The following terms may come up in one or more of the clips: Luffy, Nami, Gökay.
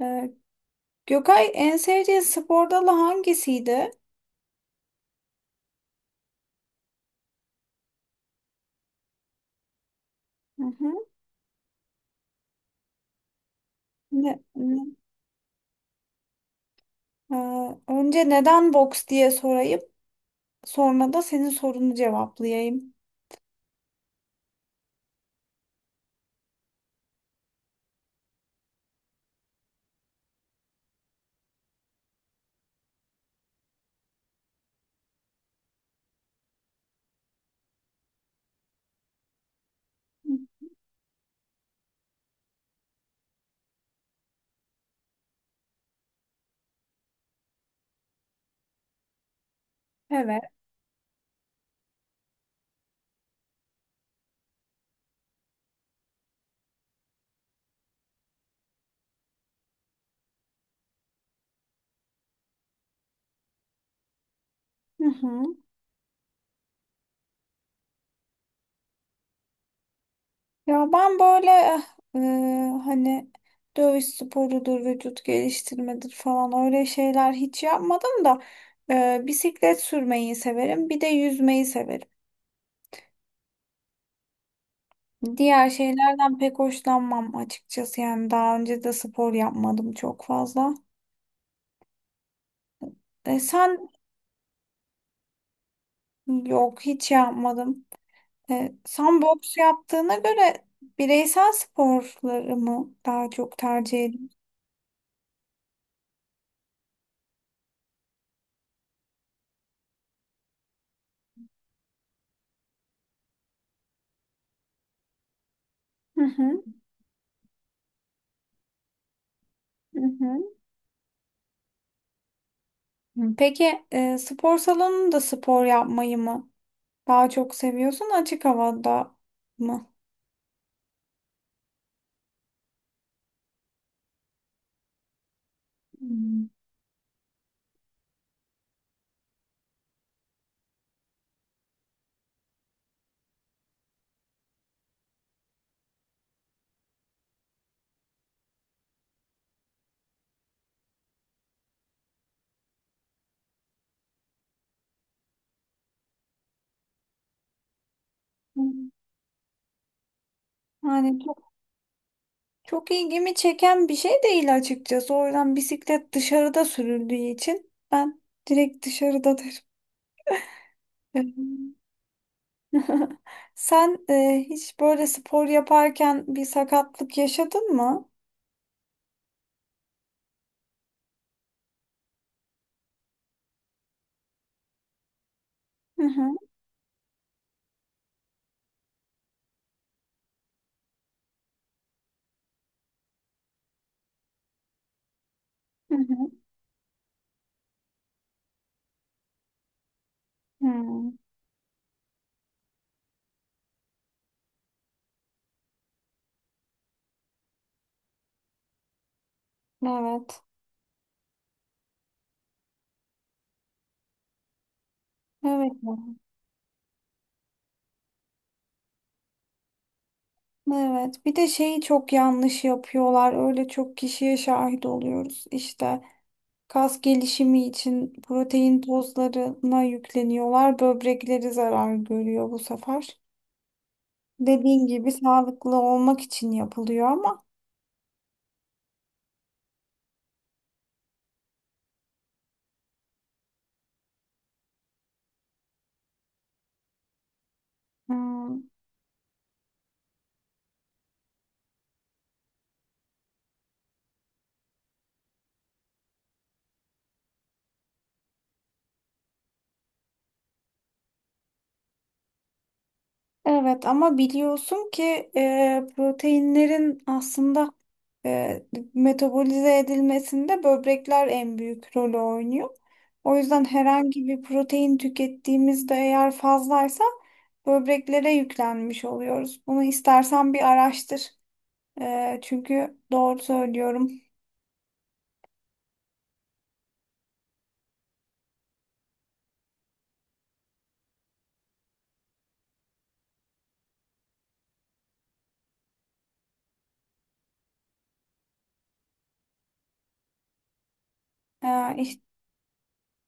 Ee, Gökay, en sevdiğin spor dalı hangisiydi? Hı hı. Ne, ne- Ee, Önce neden boks diye sorayım, sonra da senin sorunu cevaplayayım. Hı. Evet. Hı hı. Ya ben böyle e, hani dövüş sporudur, vücut geliştirmedir falan öyle şeyler hiç yapmadım da bisiklet sürmeyi severim, bir de yüzmeyi severim. Diğer şeylerden pek hoşlanmam açıkçası, yani daha önce de spor yapmadım çok fazla. E, sen. Yok, hiç yapmadım. Sen boks yaptığına göre bireysel sporları mı daha çok tercih ediyorsun? Hı hı, hı hı. Peki, spor salonunda spor yapmayı mı daha çok seviyorsun, açık havada mı? Hmm. Yani çok, çok ilgimi çeken bir şey değil açıkçası. O yüzden bisiklet dışarıda sürüldüğü için ben direkt dışarıdadır. Sen hiç böyle spor yaparken bir sakatlık yaşadın mı? Hı hı. Hı hı. Hmm. Evet. Evet. Evet. Bir de şeyi çok yanlış yapıyorlar. Öyle çok kişiye şahit oluyoruz. İşte kas gelişimi için protein tozlarına yükleniyorlar. Böbrekleri zarar görüyor bu sefer. Dediğin gibi sağlıklı olmak için yapılıyor ama hmm. Evet, ama biliyorsun ki proteinlerin aslında e, metabolize edilmesinde böbrekler en büyük rolü oynuyor. O yüzden herhangi bir protein tükettiğimizde eğer fazlaysa böbreklere yüklenmiş oluyoruz. Bunu istersen bir araştır. Çünkü doğru söylüyorum. E, iş-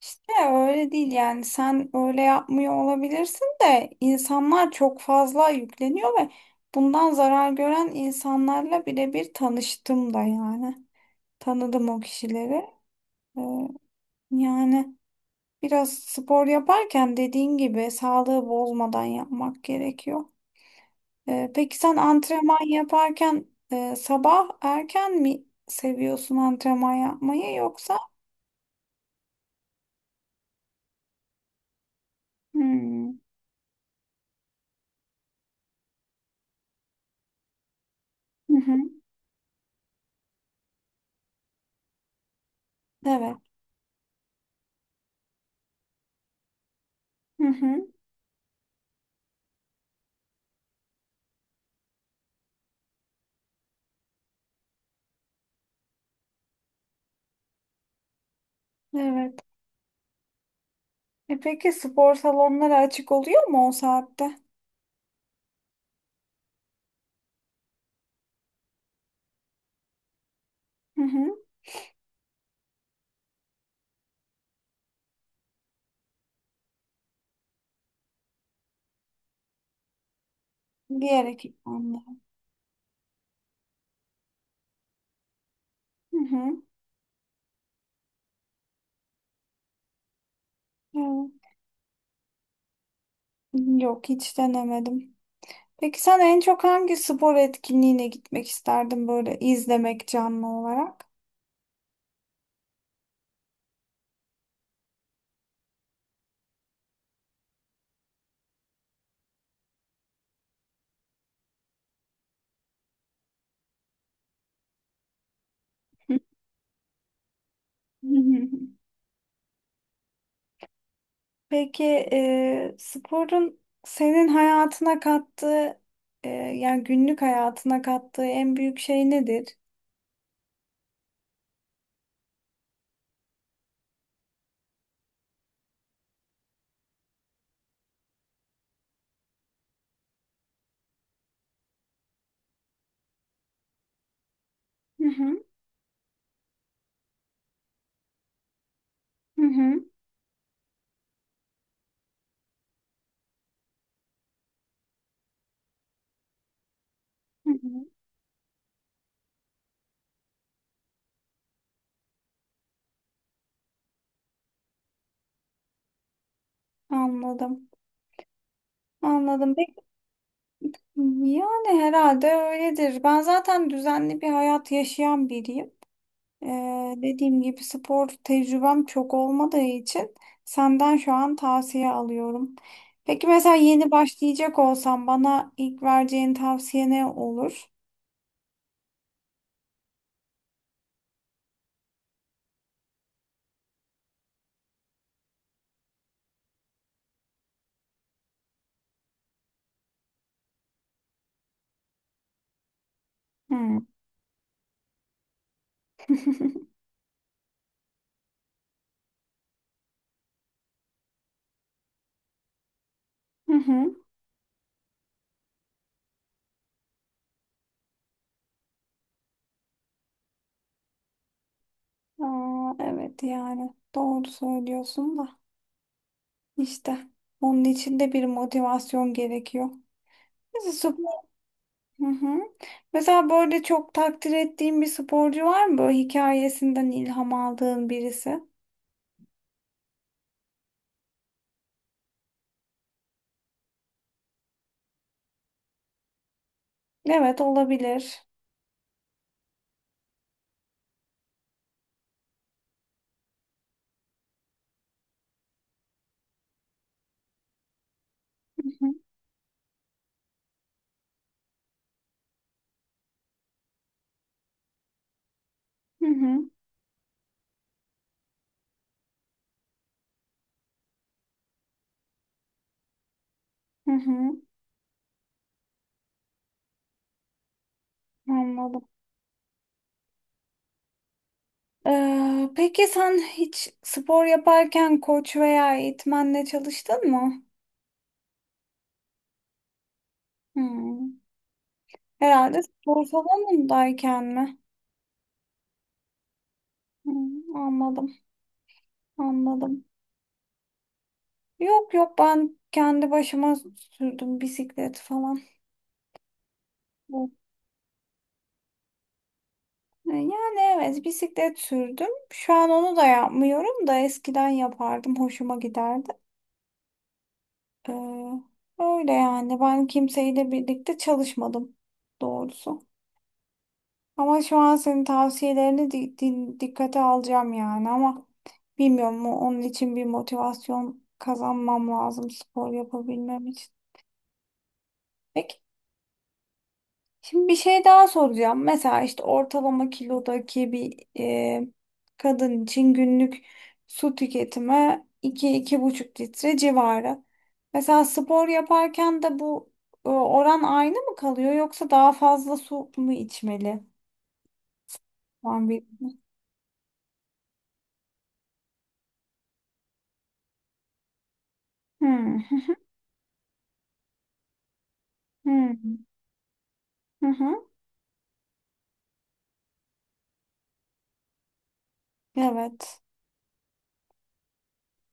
işte öyle değil, yani sen öyle yapmıyor olabilirsin de insanlar çok fazla yükleniyor ve bundan zarar gören insanlarla birebir tanıştım da yani. Tanıdım o kişileri. E, Yani biraz spor yaparken dediğin gibi sağlığı bozmadan yapmak gerekiyor. Peki sen antrenman yaparken sabah erken mi seviyorsun antrenman yapmayı, yoksa? Hmm. Hı hı. Evet. Hı hı. Evet. E peki, spor salonları açık oluyor mu o saatte? Hı hı. Diğer ekipmanlar. Hı hı. Evet. Yok, hiç denemedim. Peki sen en çok hangi spor etkinliğine gitmek isterdin böyle, izlemek canlı olarak? Peki sporun senin hayatına kattığı, yani günlük hayatına kattığı en büyük şey nedir? Hı hı, hı hı, hı hı. Anladım. Anladım. Peki, yani herhalde öyledir. Ben zaten düzenli bir hayat yaşayan biriyim. Dediğim gibi spor tecrübem çok olmadığı için senden şu an tavsiye alıyorum. Peki mesela yeni başlayacak olsam bana ilk vereceğin tavsiye ne olur? Hmm. Hı hı. Aa, evet yani doğru söylüyorsun da işte onun için de bir motivasyon gerekiyor. Mesela spor. Hı hı. Mesela böyle çok takdir ettiğin bir sporcu var mı? Böyle hikayesinden ilham aldığın birisi. Evet, olabilir. Hı hı. Hı hı. Hı hı, anladım. Peki sen hiç spor yaparken koç veya eğitmenle çalıştın mı? Hmm. Herhalde spor salonundayken mi? Hmm, anladım, anladım. Yok yok, ben kendi başıma sürdüm bisiklet falan. Yok. Yani evet, bisiklet sürdüm. Şu an onu da yapmıyorum da eskiden yapardım. Hoşuma giderdi. Ee, Öyle yani, ben kimseyle birlikte çalışmadım doğrusu. Ama şu an senin tavsiyelerini dikkate alacağım yani, ama bilmiyorum mu, onun için bir motivasyon kazanmam lazım spor yapabilmem için. Peki şimdi bir şey daha soracağım. Mesela işte ortalama kilodaki bir kadın için günlük su tüketimi 2-2,5 litre civarı. Mesela spor yaparken de bu oran aynı mı kalıyor, yoksa daha fazla su mu içmeli? Ben bir... Hmm. Hmm. Hı hı. Evet.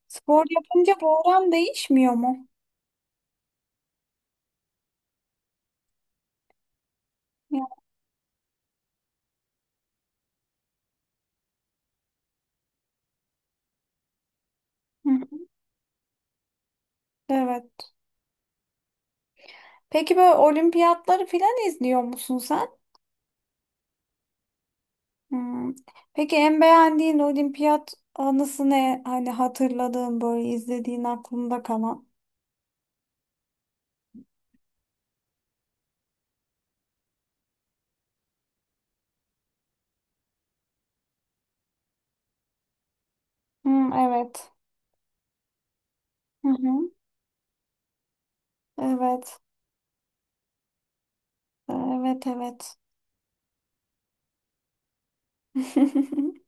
Spor yapınca bu oran değişmiyor mu? Ya- Hı. Evet. Peki böyle olimpiyatları filan izliyor musun sen? Hmm. Peki en beğendiğin olimpiyat anısı ne? Hani hatırladığın, böyle izlediğin aklında kalan. Hmm, evet. Hı hı. Evet. Evet, evet.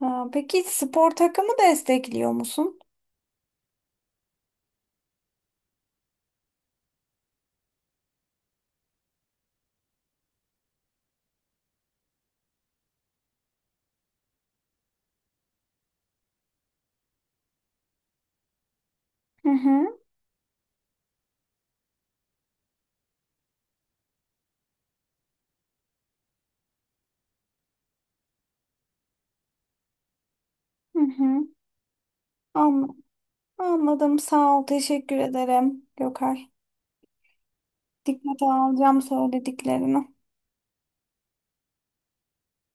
Ha, peki spor takımı destekliyor musun? Hı hı. Hı hı. Anladım. Anladım. Sağ ol. Teşekkür ederim Gökay. Dikkate alacağım söylediklerini.